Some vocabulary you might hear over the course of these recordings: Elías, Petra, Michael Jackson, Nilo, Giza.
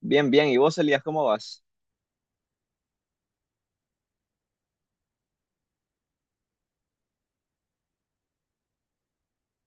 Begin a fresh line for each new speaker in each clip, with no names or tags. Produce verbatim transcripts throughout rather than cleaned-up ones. Bien, bien. ¿Y vos, Elías, cómo vas?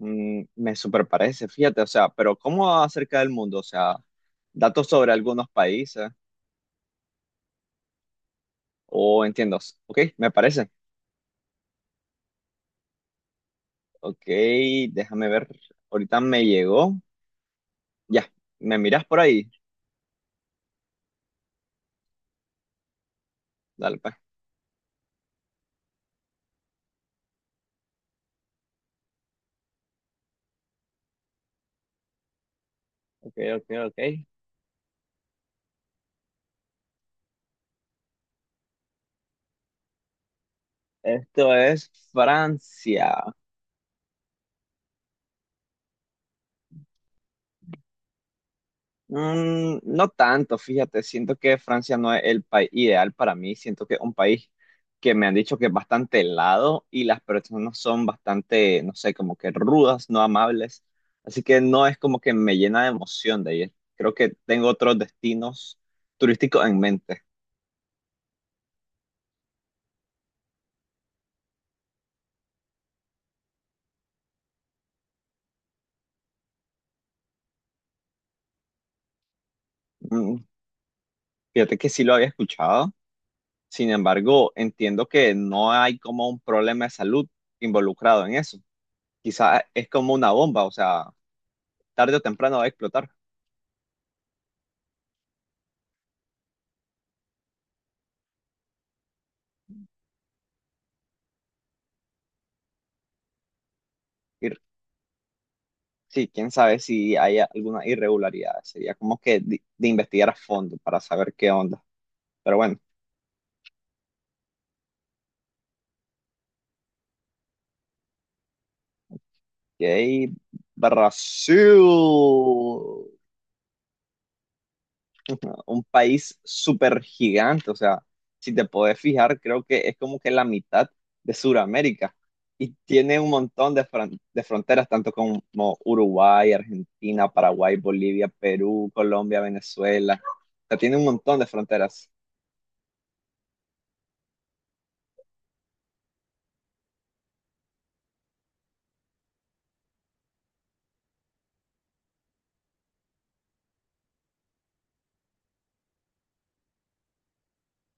Mm, me super parece, fíjate, o sea, pero ¿cómo acerca del mundo? O sea, datos sobre algunos países, o entiendo. Ok, me parece. Ok, déjame ver. Ahorita me llegó. Ya, ¿me mirás por ahí? Dale, pues. Ok, ok, ok. Esto es Francia. Mm, no tanto, fíjate, siento que Francia no es el país ideal para mí, siento que es un país que me han dicho que es bastante helado y las personas son bastante, no sé, como que rudas, no amables, así que no es como que me llena de emoción de ir. Creo que tengo otros destinos turísticos en mente. Mm, Fíjate que sí lo había escuchado, sin embargo, entiendo que no hay como un problema de salud involucrado en eso. Quizás es como una bomba, o sea, tarde o temprano va a explotar. Sí, quién sabe si hay alguna irregularidad. Sería como que de, de investigar a fondo para saber qué onda. Pero bueno, y ahí Brasil, un país súper gigante. O sea, si te podés fijar, creo que es como que la mitad de Sudamérica. Y tiene un montón de, fron- de fronteras, tanto como Uruguay, Argentina, Paraguay, Bolivia, Perú, Colombia, Venezuela. O sea, tiene un montón de fronteras.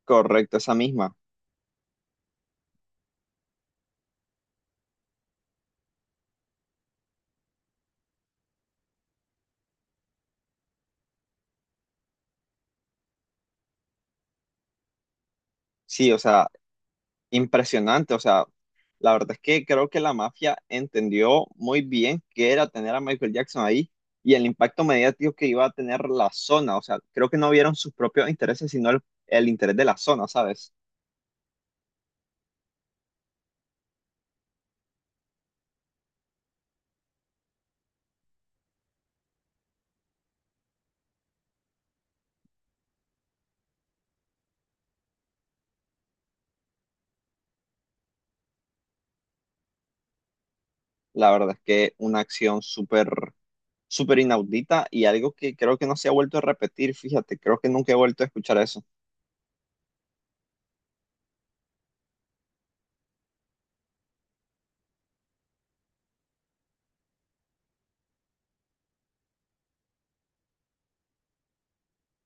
Correcto, esa misma. Sí, o sea, impresionante. O sea, la verdad es que creo que la mafia entendió muy bien qué era tener a Michael Jackson ahí y el impacto mediático que iba a tener la zona. O sea, creo que no vieron sus propios intereses, sino el, el interés de la zona, ¿sabes? La verdad es que una acción súper, súper inaudita y algo que creo que no se ha vuelto a repetir. Fíjate, creo que nunca he vuelto a escuchar eso.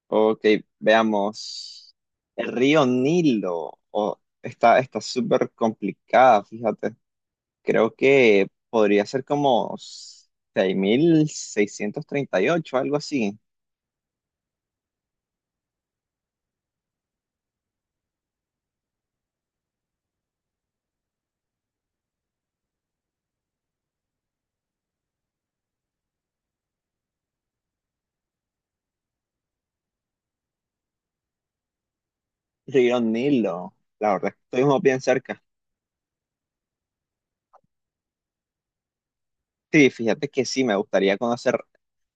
Ok, veamos. El río Nilo. Oh, está, está súper complicada, fíjate. Creo que podría ser como seis mil seiscientos treinta y ocho, algo así. Río Nilo. La verdad, estuvimos bien cerca. Sí, fíjate que sí, me gustaría conocer,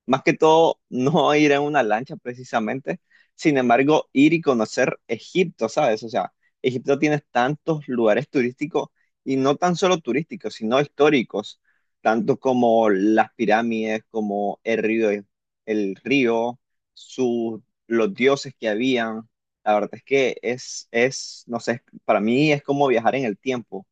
más que todo, no ir en una lancha precisamente, sin embargo, ir y conocer Egipto, ¿sabes? O sea, Egipto tiene tantos lugares turísticos y no tan solo turísticos, sino históricos, tanto como las pirámides, como el río, el río, sus, los dioses que habían. La verdad es que es, es, no sé, para mí es como viajar en el tiempo.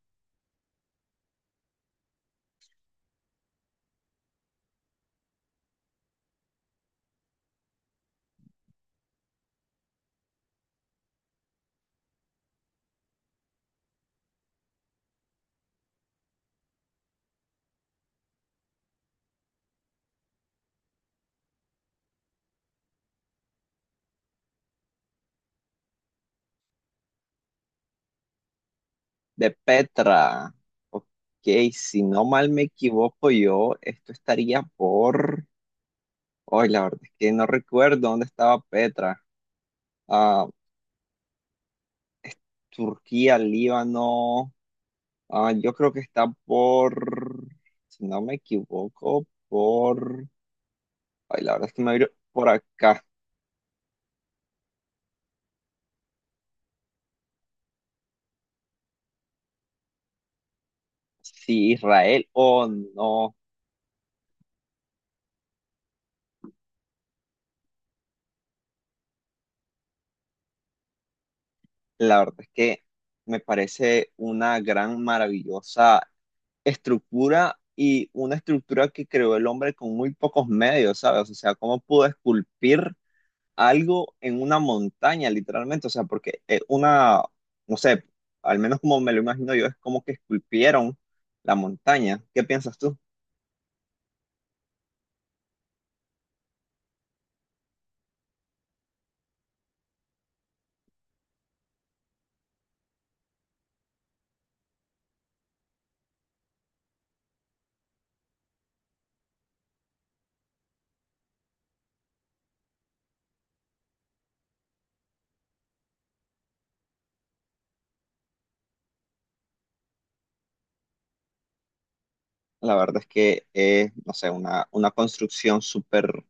De Petra. Ok, si no mal me equivoco yo, esto estaría por... Hoy la verdad es que no recuerdo dónde estaba Petra. Ah, es Turquía, Líbano. Ah, yo creo que está por... Si no me equivoco, por... Ay, la verdad es que me viro por acá. Sí, Israel o no. La verdad es que me parece una gran, maravillosa estructura y una estructura que creó el hombre con muy pocos medios, ¿sabes? O sea, cómo pudo esculpir algo en una montaña, literalmente. O sea, porque eh, una, no sé, al menos como me lo imagino yo, es como que esculpieron la montaña. ¿Qué piensas tú? La verdad es que es, no sé, una, una construcción súper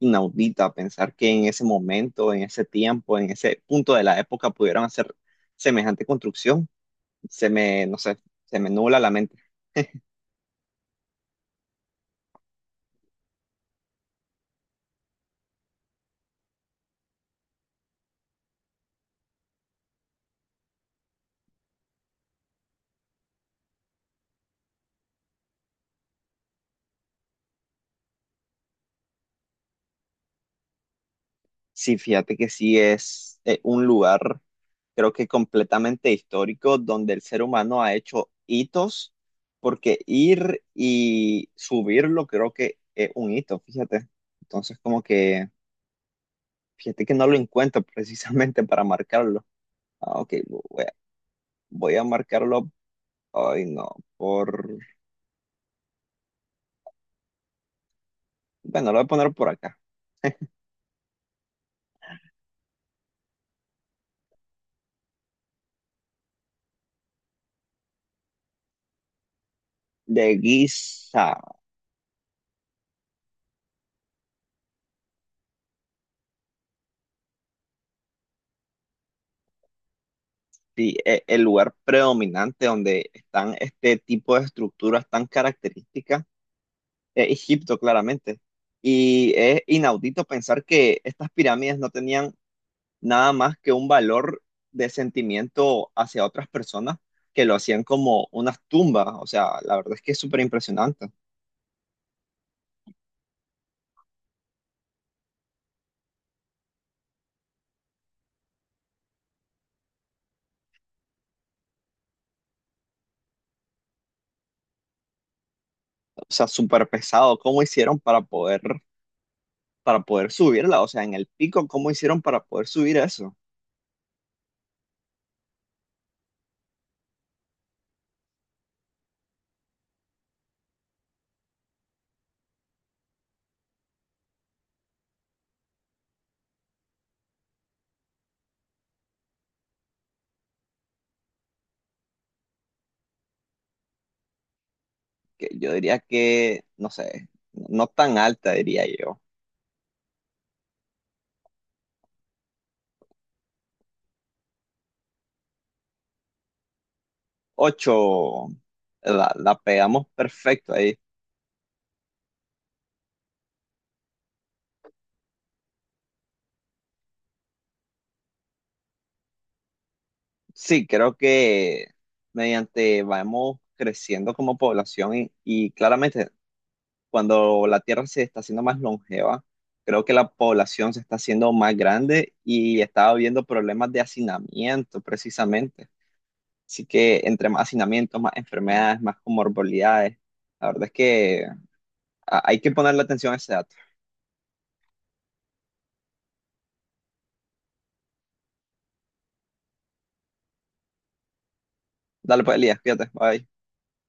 inaudita pensar que en ese momento, en ese tiempo, en ese punto de la época pudieran hacer semejante construcción. Se me, no sé, se me nubla la mente. Sí, fíjate que sí es eh, un lugar, creo que completamente histórico, donde el ser humano ha hecho hitos, porque ir y subirlo creo que es un hito, fíjate. Entonces, como que, fíjate que no lo encuentro precisamente para marcarlo. Ah, ok, voy a, voy a marcarlo, ay no, por, bueno, lo voy a poner por acá. De Giza. Sí, e- el lugar predominante donde están este tipo de estructuras tan características es Egipto, claramente. Y es inaudito pensar que estas pirámides no tenían nada más que un valor de sentimiento hacia otras personas que lo hacían como unas tumbas. O sea, la verdad es que es súper impresionante. O sea, súper pesado. ¿Cómo hicieron para poder, para poder subirla? O sea, en el pico, ¿cómo hicieron para poder subir eso? Que yo diría que, no sé, no tan alta, diría yo. Ocho. La, la pegamos perfecto ahí. Sí, creo que mediante vamos creciendo como población y, y claramente cuando la Tierra se está haciendo más longeva, creo que la población se está haciendo más grande y está habiendo problemas de hacinamiento precisamente. Así que entre más hacinamiento, más enfermedades, más comorbilidades, la verdad es que ah, hay que ponerle atención a ese dato. Dale pues, Elías, fíjate, bye.